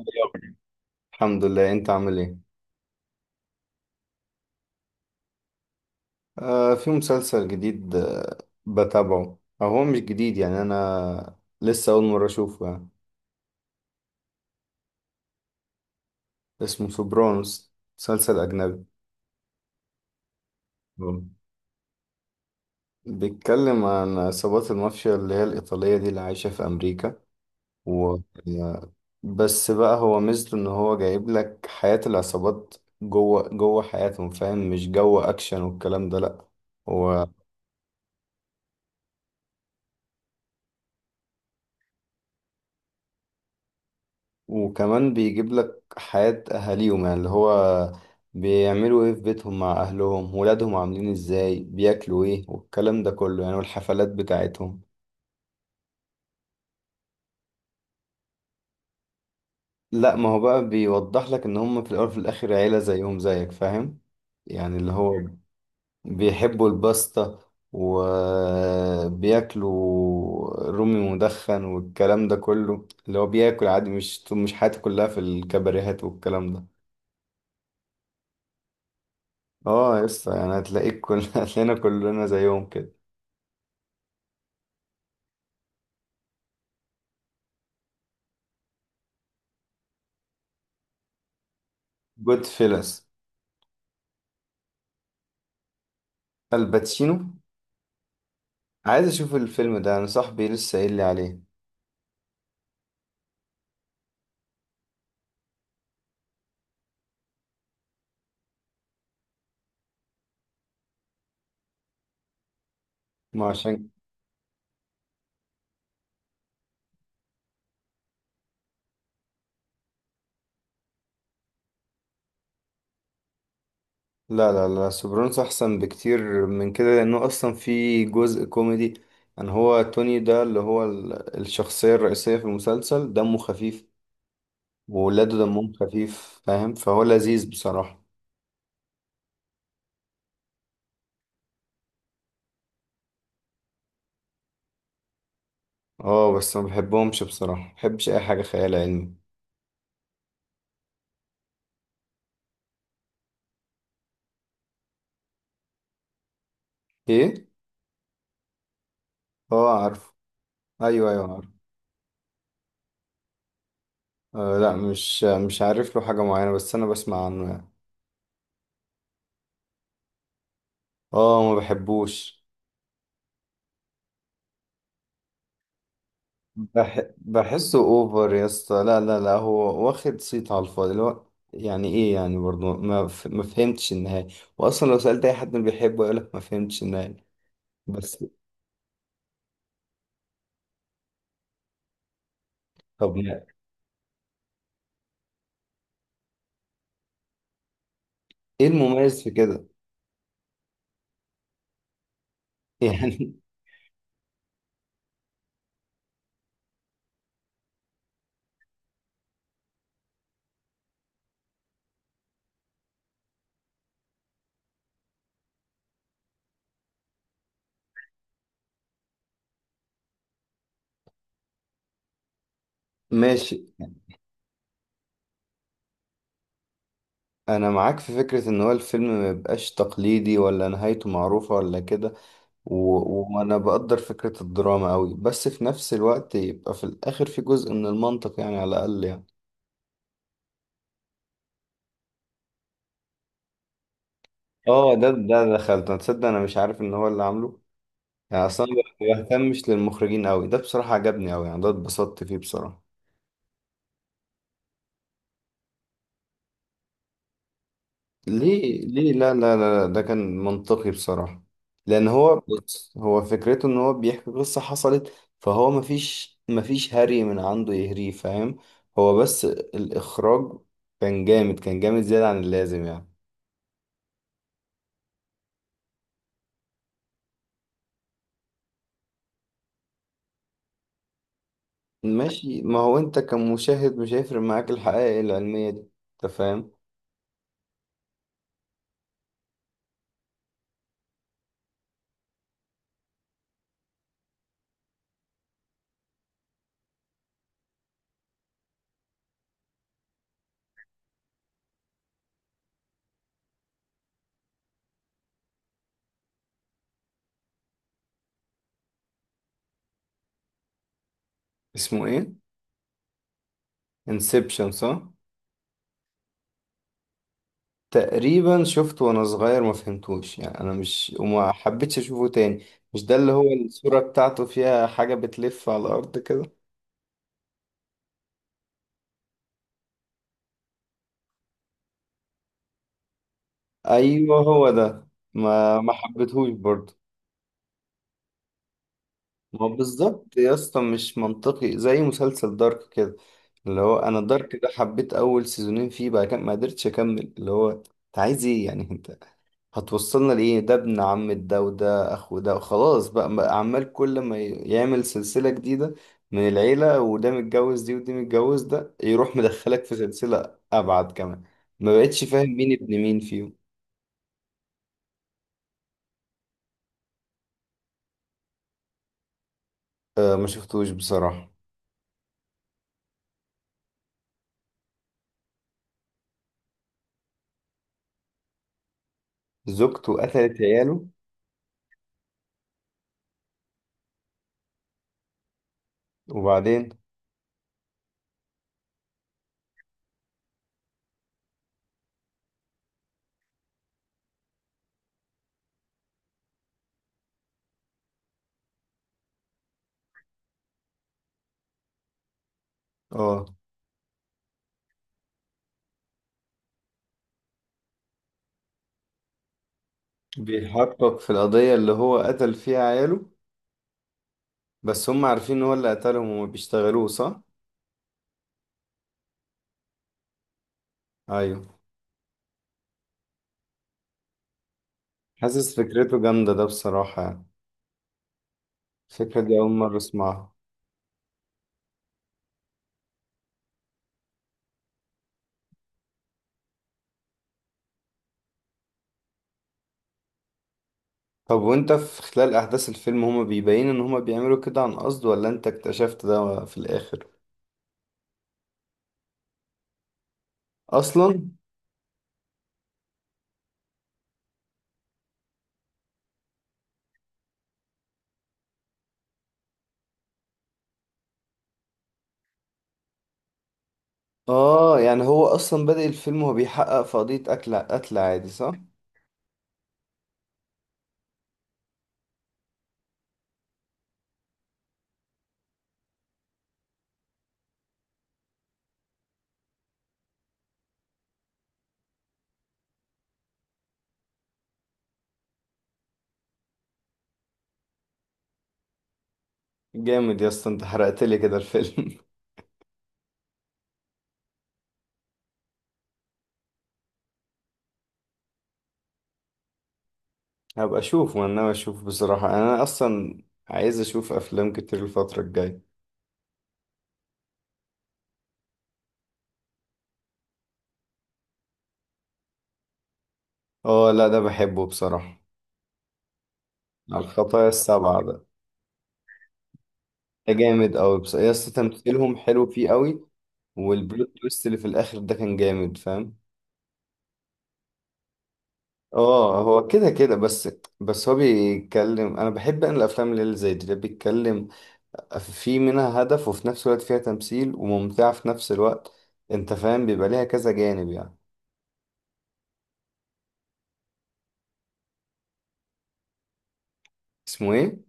اليوم. الحمد لله، انت عامل ايه؟ آه، في مسلسل جديد، بتابعه، او هو مش جديد يعني، انا لسه اول مرة اشوفه يعني. اسمه سوبرانوس، مسلسل اجنبي. مم. بيتكلم عن عصابات المافيا اللي هي الايطالية دي اللي عايشة في امريكا و... بس بقى هو ميزته ان هو جايب لك حياة العصابات، جوه جوه حياتهم، فاهم؟ مش جو اكشن والكلام ده، لا. هو وكمان بيجيب لك حياة أهاليهم، يعني اللي هو بيعملوا إيه في بيتهم مع أهلهم، ولادهم عاملين إزاي، بياكلوا إيه والكلام ده كله يعني، والحفلات بتاعتهم. لا، ما هو بقى بيوضح لك إن هم في الأول وفي الآخر عيلة زيهم زيك، فاهم؟ يعني اللي هو بيحبوا الباستا، وبياكلوا رومي مدخن والكلام ده كله، اللي هو بياكل عادي، مش حياته كلها في الكباريهات والكلام ده. اه، لسه يعني، هتلاقيك كل هتلاقينا كلنا زيهم كده. جود فيلس. الباتشينو. عايز اشوف الفيلم ده، انا صاحبي لسه قايل لي عليه. ما عشان لا لا لا، سوبرانوس احسن بكتير من كده، لانه اصلا في جزء كوميدي، ان هو توني ده اللي هو الشخصية الرئيسية في المسلسل دمه خفيف، وولاده دمهم خفيف، فاهم؟ فهو لذيذ بصراحة. اه، بس ما بحبهمش بصراحة، ما بحبش اي حاجة خيال علمي. ايه. اه عارف. ايوه ايوه. آه، لا، مش عارف له حاجة معينة، بس أنا بسمع عنه يعني. اه، ما بحبوش. بحسه أوفر يا اسطى، لا لا لا، هو واخد صيت على الفاضي، اللي هو يعني إيه يعني؟ برضه ما فهمتش النهاية، وأصلا لو سألت أي حد ما بيحبه يقولك ما فهمتش النهاية. بس. طب، إيه المميز في كده؟ يعني. ماشي. أنا معاك في فكرة إن هو الفيلم ما يبقاش تقليدي، ولا نهايته معروفة ولا كده، وانا بقدر فكرة الدراما قوي، بس في نفس الوقت يبقى في الاخر في جزء من المنطق يعني، على الاقل يعني. اه، ده دخلت، انا تصدق انا مش عارف ان هو اللي عامله، يعني اصلا ما بهتمش للمخرجين قوي، ده بصراحة عجبني قوي يعني، ده اتبسطت فيه بصراحة. ليه؟ ليه؟ لا لا لا لا، ده كان منطقي بصراحة، لان هو بص هو فكرته ان هو بيحكي قصة حصلت، فهو مفيش هري من عنده يهريه، فاهم؟ هو بس الاخراج كان جامد، كان جامد زيادة عن اللازم يعني. ماشي، ما هو انت كمشاهد مش هيفرق معاك الحقائق العلمية دي، انت فاهم. اسمه ايه؟ انسبشن صح. تقريبا شفته وانا صغير، ما فهمتوش يعني، انا مش وما حبيتش اشوفه تاني. مش ده اللي هو الصورة بتاعته فيها حاجة بتلف على الارض كده؟ ايوه هو ده. ما حبيتهوش برضه. ما هو بالظبط يا اسطى، مش منطقي زي مسلسل دارك كده، اللي هو انا دارك ده حبيت اول سيزونين فيه، بعد كده ما قدرتش اكمل، اللي هو انت عايز ايه يعني؟ انت هتوصلنا لإيه؟ ده ابن عم ده، وده أخو ده، وخلاص بقى عمال كل ما يعمل سلسلة جديدة من العيلة، وده متجوز دي ودي متجوز ده، يروح مدخلك في سلسلة أبعد كمان، ما بقتش فاهم مين ابن مين فيهم. آه، ما شفتوش بصراحة. زوجته قتلت عياله؟ وبعدين؟ اه. بيحقق في القضية اللي هو قتل فيها عياله، بس هم عارفين إن هو اللي قتلهم وما بيشتغلوه صح؟ أيوه. حاسس فكرته جامدة ده بصراحة يعني، الفكرة دي أول مرة أسمعها. طب وانت في خلال احداث الفيلم هما بيبين ان هما بيعملوا كده عن قصد، ولا انت اكتشفت ده في الاخر؟ اصلا. اه، يعني هو اصلا بادئ الفيلم وهو بيحقق في قضية قتل عادي صح؟ جامد يا اسطى، انت حرقت لي كده الفيلم. هبقى اشوفه، انا ناوي اشوفه بصراحة يعني، انا اصلا عايز اشوف افلام كتير الفترة الجاية. اه، لا ده بحبه بصراحة. على الخطايا السبعة ده، ده جامد قوي، بس يا اسطى تمثيلهم حلو فيه قوي، والبلوت تويست اللي في الاخر ده كان جامد، فاهم؟ اه، هو كده كده بس. بس هو بيتكلم، انا بحب ان الافلام اللي زي دي اللي بيتكلم في منها هدف، وفي نفس الوقت فيها تمثيل وممتعة في نفس الوقت، انت فاهم، بيبقى ليها كذا جانب يعني. اسمه ايه؟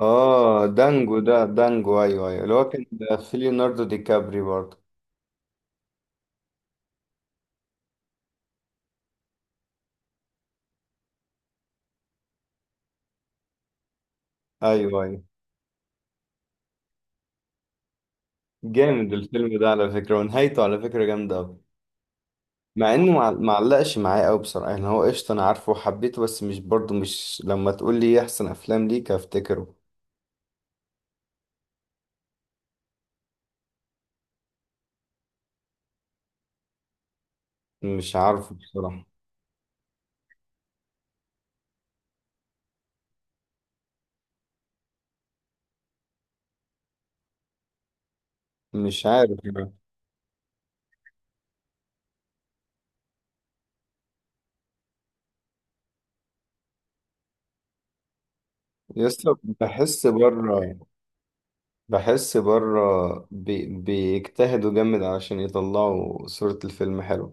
اه، دانجو ده، دانجو، ايوه ايوه، اللي هو كان في ليوناردو دي كابري برضه. ايوه ايوه. جامد الفيلم ده على فكرة، ونهايته على فكرة جامدة أوي، مع انه معلقش معايا قوي بصراحة يعني، هو قشطة انا عارفه وحبيته، بس مش برضه، مش لما تقول لي إيه احسن افلام ليك هفتكره. مش عارف بصراحة. مش عارف يعني. يسطا بحس بره، بحس بره، بيجتهدوا جامد علشان يطلعوا صورة الفيلم حلوة.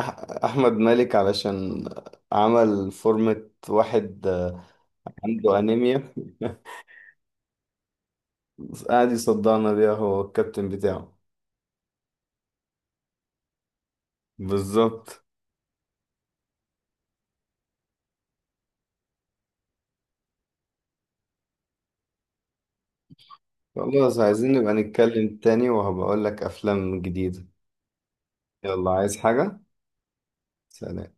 أح أحمد مالك، علشان عمل فورمة واحد عنده أنيميا. قاعد يصدعنا بيها هو الكابتن بتاعه. بالظبط. خلاص، عايزين نبقى نتكلم تاني وهبقول لك أفلام جديدة. يلا، عايز حاجة؟ سلام.